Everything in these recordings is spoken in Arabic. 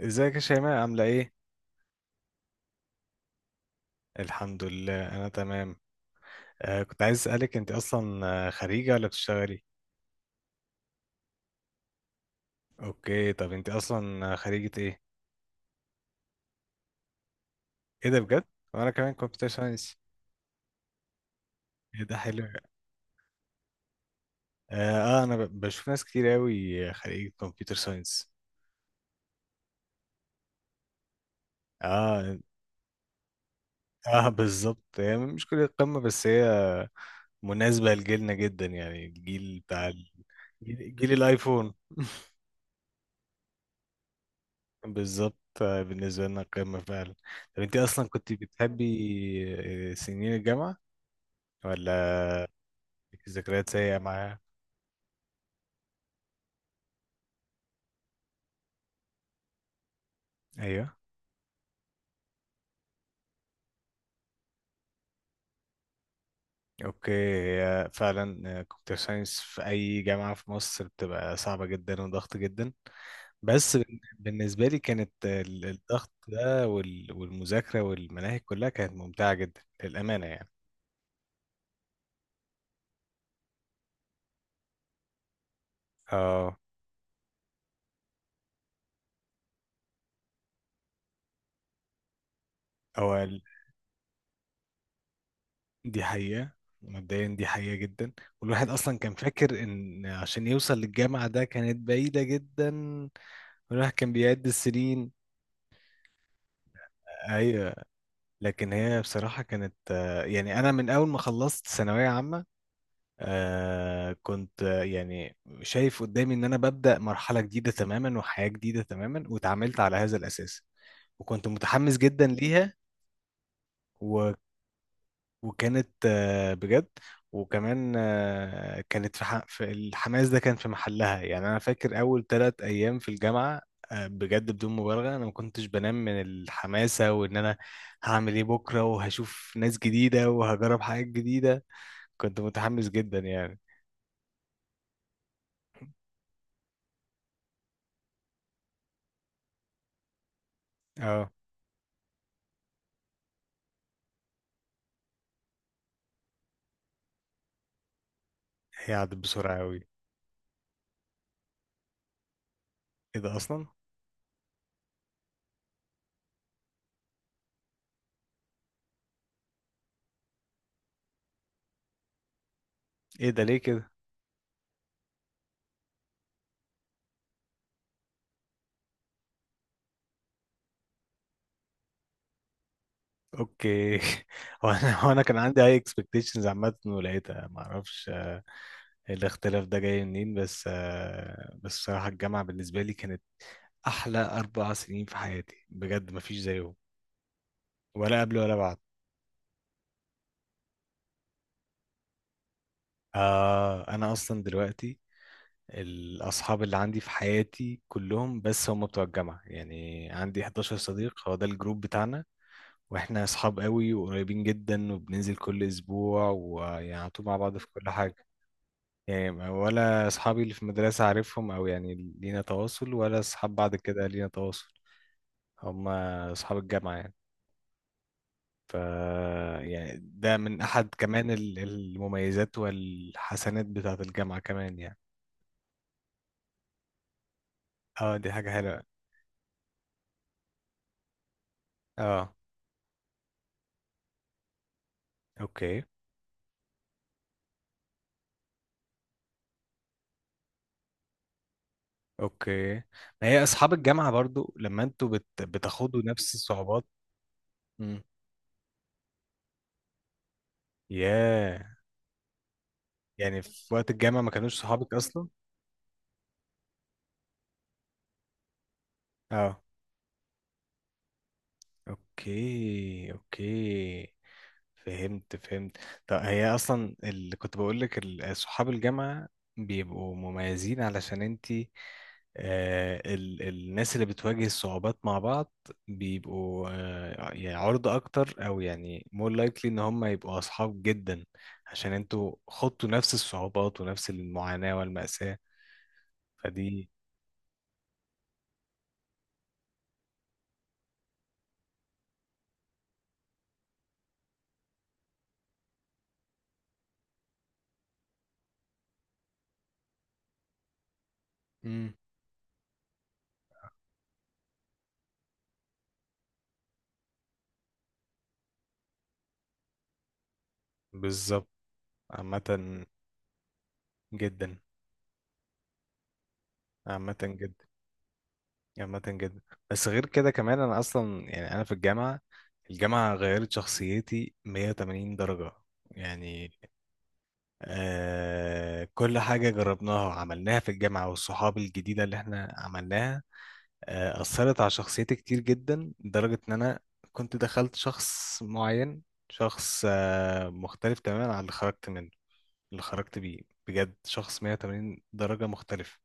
ازيك يا شيماء عاملة ايه؟ الحمد لله انا تمام. كنت عايز اسألك انت اصلا خريجة ولا بتشتغلي؟ اوكي، طب انت اصلا خريجة ايه؟ ايه ده بجد؟ وانا كمان كمبيوتر ساينس. ايه ده حلو، اه. انا بشوف ناس كتير قوي خريجة كمبيوتر ساينس. اه. اه بالظبط، هي مش كلية قمة بس هي مناسبة لجيلنا جدا، يعني جيل، جيل الايفون. بالظبط، بالنسبة لنا قمة فعلا. طب انت اصلا كنت بتحبي سنين الجامعة ولا ليكي ذكريات سيئة معاها؟ ايوه. اوكي، هي فعلا كمبيوتر ساينس في اي جامعة في مصر بتبقى صعبة جدا وضغط جدا، بس بالنسبة لي كانت الضغط ده والمذاكرة والمناهج كلها كانت ممتعة جدا للأمانة يعني. اه. هو دي حقيقة، مبدئيا دي حقيقة جدا، والواحد أصلا كان فاكر إن عشان يوصل للجامعة ده كانت بعيدة جدا، والواحد كان بيعد السنين. أيوة، لكن هي بصراحة كانت يعني أنا من أول ما خلصت ثانوية عامة كنت يعني شايف قدامي إن أنا ببدأ مرحلة جديدة تماما وحياة جديدة تماما، واتعاملت على هذا الأساس وكنت متحمس جدا ليها و... وكانت بجد. وكمان كانت في الحماس ده كان في محلها، يعني انا فاكر اول ثلاث ايام في الجامعه بجد بدون مبالغه انا ما كنتش بنام من الحماسه، وان انا هعمل ايه بكره وهشوف ناس جديده وهجرب حاجات جديده. كنت متحمس جدا يعني. اه، هي عدت بسرعه قوي. ايه ده اصلا؟ ايه ده ليه كده؟ اوكي. هو انا كان عندي هاي اكسبكتيشنز عامه ولقيتها، ما اعرفش الاختلاف ده جاي منين، بس بس صراحة الجامعة بالنسبة لي كانت أحلى أربع سنين في حياتي، بجد مفيش زيهم، ولا قبل ولا بعد. آه أنا أصلا دلوقتي الأصحاب اللي عندي في حياتي كلهم بس هم بتوع الجامعة، يعني عندي 11 صديق هو ده الجروب بتاعنا، وإحنا أصحاب قوي وقريبين جدا وبننزل كل أسبوع ويعني على طول مع بعض في كل حاجة. يعني ولا أصحابي اللي في المدرسة عارفهم، أو يعني لينا تواصل، ولا أصحاب بعد كده لينا تواصل. هم أصحاب الجامعة يعني. يعني ده من أحد كمان المميزات والحسنات بتاعة الجامعة كمان يعني. اه دي حاجة حلوة. اه. اوكي اوكي. ما هي أصحاب الجامعة برضو لما انتوا بتاخدوا نفس الصعوبات. مم. ياه، يعني في وقت الجامعة ما كانوش صحابك أصلا. اه. اوكي اوكي، فهمت فهمت. طب هي اصلا اللي كنت بقول لك صحاب الجامعه بيبقوا مميزين علشان انتي، آه الناس اللي بتواجه الصعوبات مع بعض بيبقوا آه يعني عرضة اكتر، او يعني more likely ان هم يبقوا اصحاب جدا، عشان انتوا خضتوا نفس الصعوبات ونفس المعاناة والمأساة. فدي، مم. بالظبط. عامة جدا، عامة جدا، عامة جدا. بس غير كده كمان انا اصلا، يعني انا في الجامعة غيرت شخصيتي 180 درجة يعني. آه كل حاجة جربناها وعملناها في الجامعة والصحاب الجديدة اللي احنا عملناها آه أثرت على شخصيتي كتير جدا، لدرجة ان انا كنت دخلت شخص معين، شخص آه مختلف تماما عن اللي خرجت منه، اللي خرجت بيه، بجد شخص 180 درجة مختلف.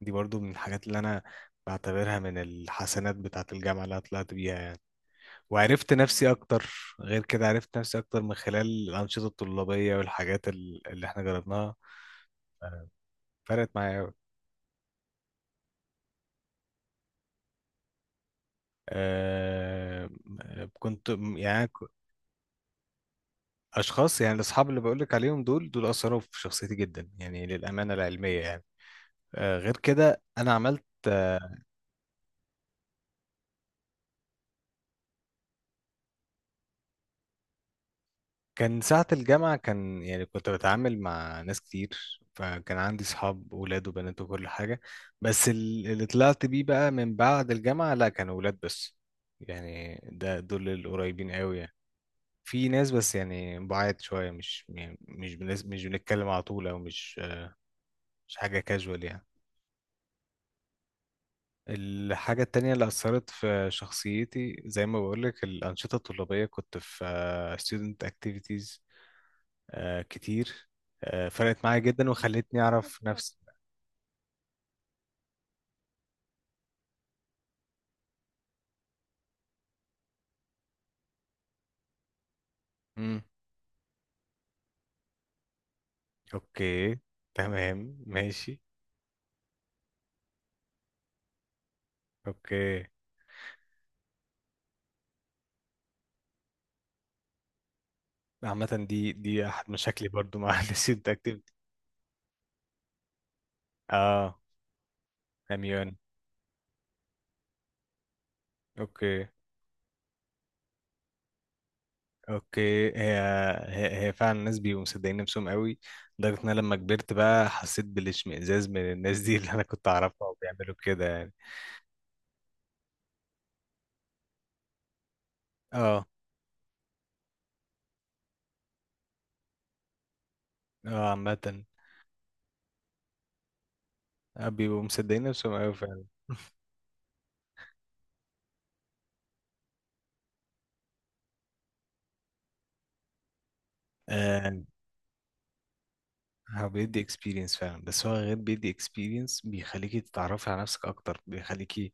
دي برضو من الحاجات اللي انا بعتبرها من الحسنات بتاعة الجامعة اللي أنا طلعت بيها يعني، وعرفت نفسي اكتر. غير كده عرفت نفسي اكتر من خلال الأنشطة الطلابية والحاجات اللي احنا جربناها. آه، فرقت معايا أوي. أه كنت م- يعني ك- أشخاص، يعني الأصحاب اللي بقولك عليهم دول أثروا في شخصيتي جدا يعني للأمانة العلمية يعني. أه غير كده أنا عملت، كان ساعة الجامعة كان يعني كنت بتعامل مع ناس كتير، فكان عندي صحاب ولاد وبنات وكل حاجة، بس اللي طلعت بيه بقى من بعد الجامعة لا كانوا ولاد بس، يعني ده دول القريبين قوي يعني. في ناس بس يعني بعاد شوية، مش يعني مش بنتكلم على طول، أو مش حاجة كاجوال يعني. الحاجة التانية اللي أثرت في شخصيتي زي ما بقولك الأنشطة الطلابية، كنت في student activities آه كتير، آه فرقت معايا جدا وخلتني اعرف نفسي. امم. اوكي. تمام ماشي. اوكي. عامة دي احد مشاكلي برضو مع الستودنت اكتيفيتي. اه، اميون. اوكي. اوكي، هي فعلا الناس بيبقوا مصدقين نفسهم قوي، لدرجة ان انا لما كبرت بقى حسيت بالاشمئزاز من الناس دي اللي انا كنت اعرفها وبيعملوا كده يعني. اه. اه عامة بيبقوا مصدقين نفسهم قوي فعلا. آه، هو بيدي اكسبيرينس فعلا، بس هو غير بيدي اكسبيرينس بيخليكي تتعرفي على نفسك اكتر، بيخليكي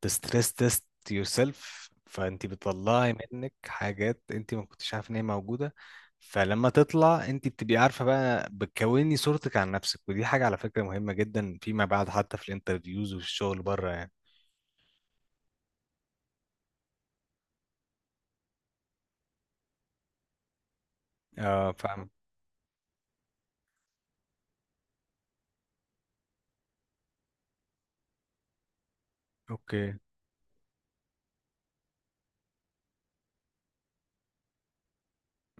تستريس تيست يور سيلف، فانت بتطلعي منك حاجات انت ما كنتش عارفه ان هي موجوده، فلما تطلع انت بتبقي عارفه بقى، بتكوني صورتك عن نفسك، ودي حاجه على فكره مهمه جدا فيما بعد، حتى في الانترفيوز وفي الشغل بره يعني. اه فاهم. اوكي.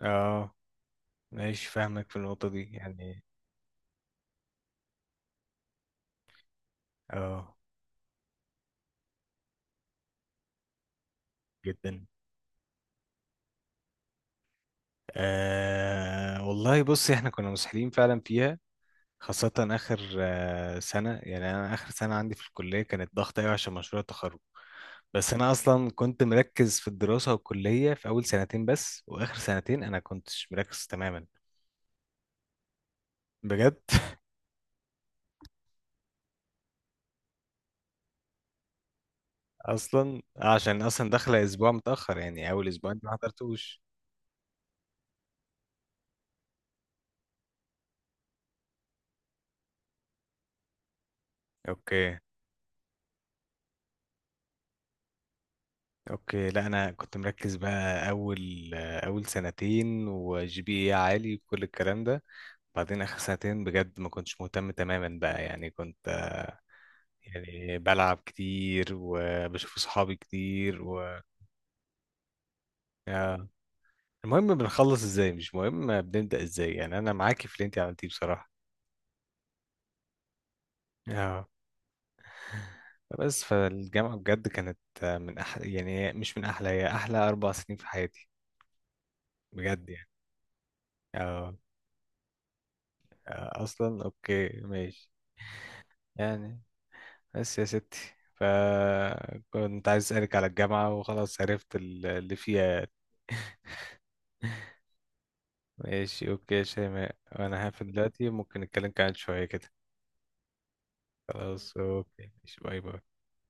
اه ماشي فاهمك في النقطه دي يعني. اه جدا. والله بصي احنا كنا مسحلين فعلا فيها، خاصة آخر سنة، يعني أنا آخر سنة عندي في الكلية كانت ضغطة أوي عشان مشروع التخرج، بس أنا أصلا كنت مركز في الدراسة والكلية في أول سنتين بس، وآخر سنتين أنا كنتش مركز تماما. بجد. أصلا عشان أصلا داخلة أسبوع متأخر، يعني أول أسبوعين ما حضرتوش. أوكي أوكي، لا أنا كنت مركز بقى أول أول سنتين وجي بي إيه عالي وكل الكلام ده، بعدين آخر سنتين بجد ما كنتش مهتم تماما بقى، يعني كنت يعني بلعب كتير وبشوف صحابي كتير آه. المهم بنخلص ازاي، مش مهم بنبدأ ازاي، يعني انا معاكي في اللي انت عملتيه بصراحة. اه، بس فالجامعة بجد كانت من أحلى، يعني مش من أحلى، هي أحلى أربع سنين في حياتي بجد يعني. اه. أصلا أوكي ماشي. يعني بس يا ستي، فكنت عايز أسألك على الجامعة وخلاص، عرفت اللي فيها يعني. ماشي اوكي يا شيماء، انا هقفل دلوقتي، ممكن نتكلم كمان شوية كده. خلاص اوكي، ماشي، باي باي.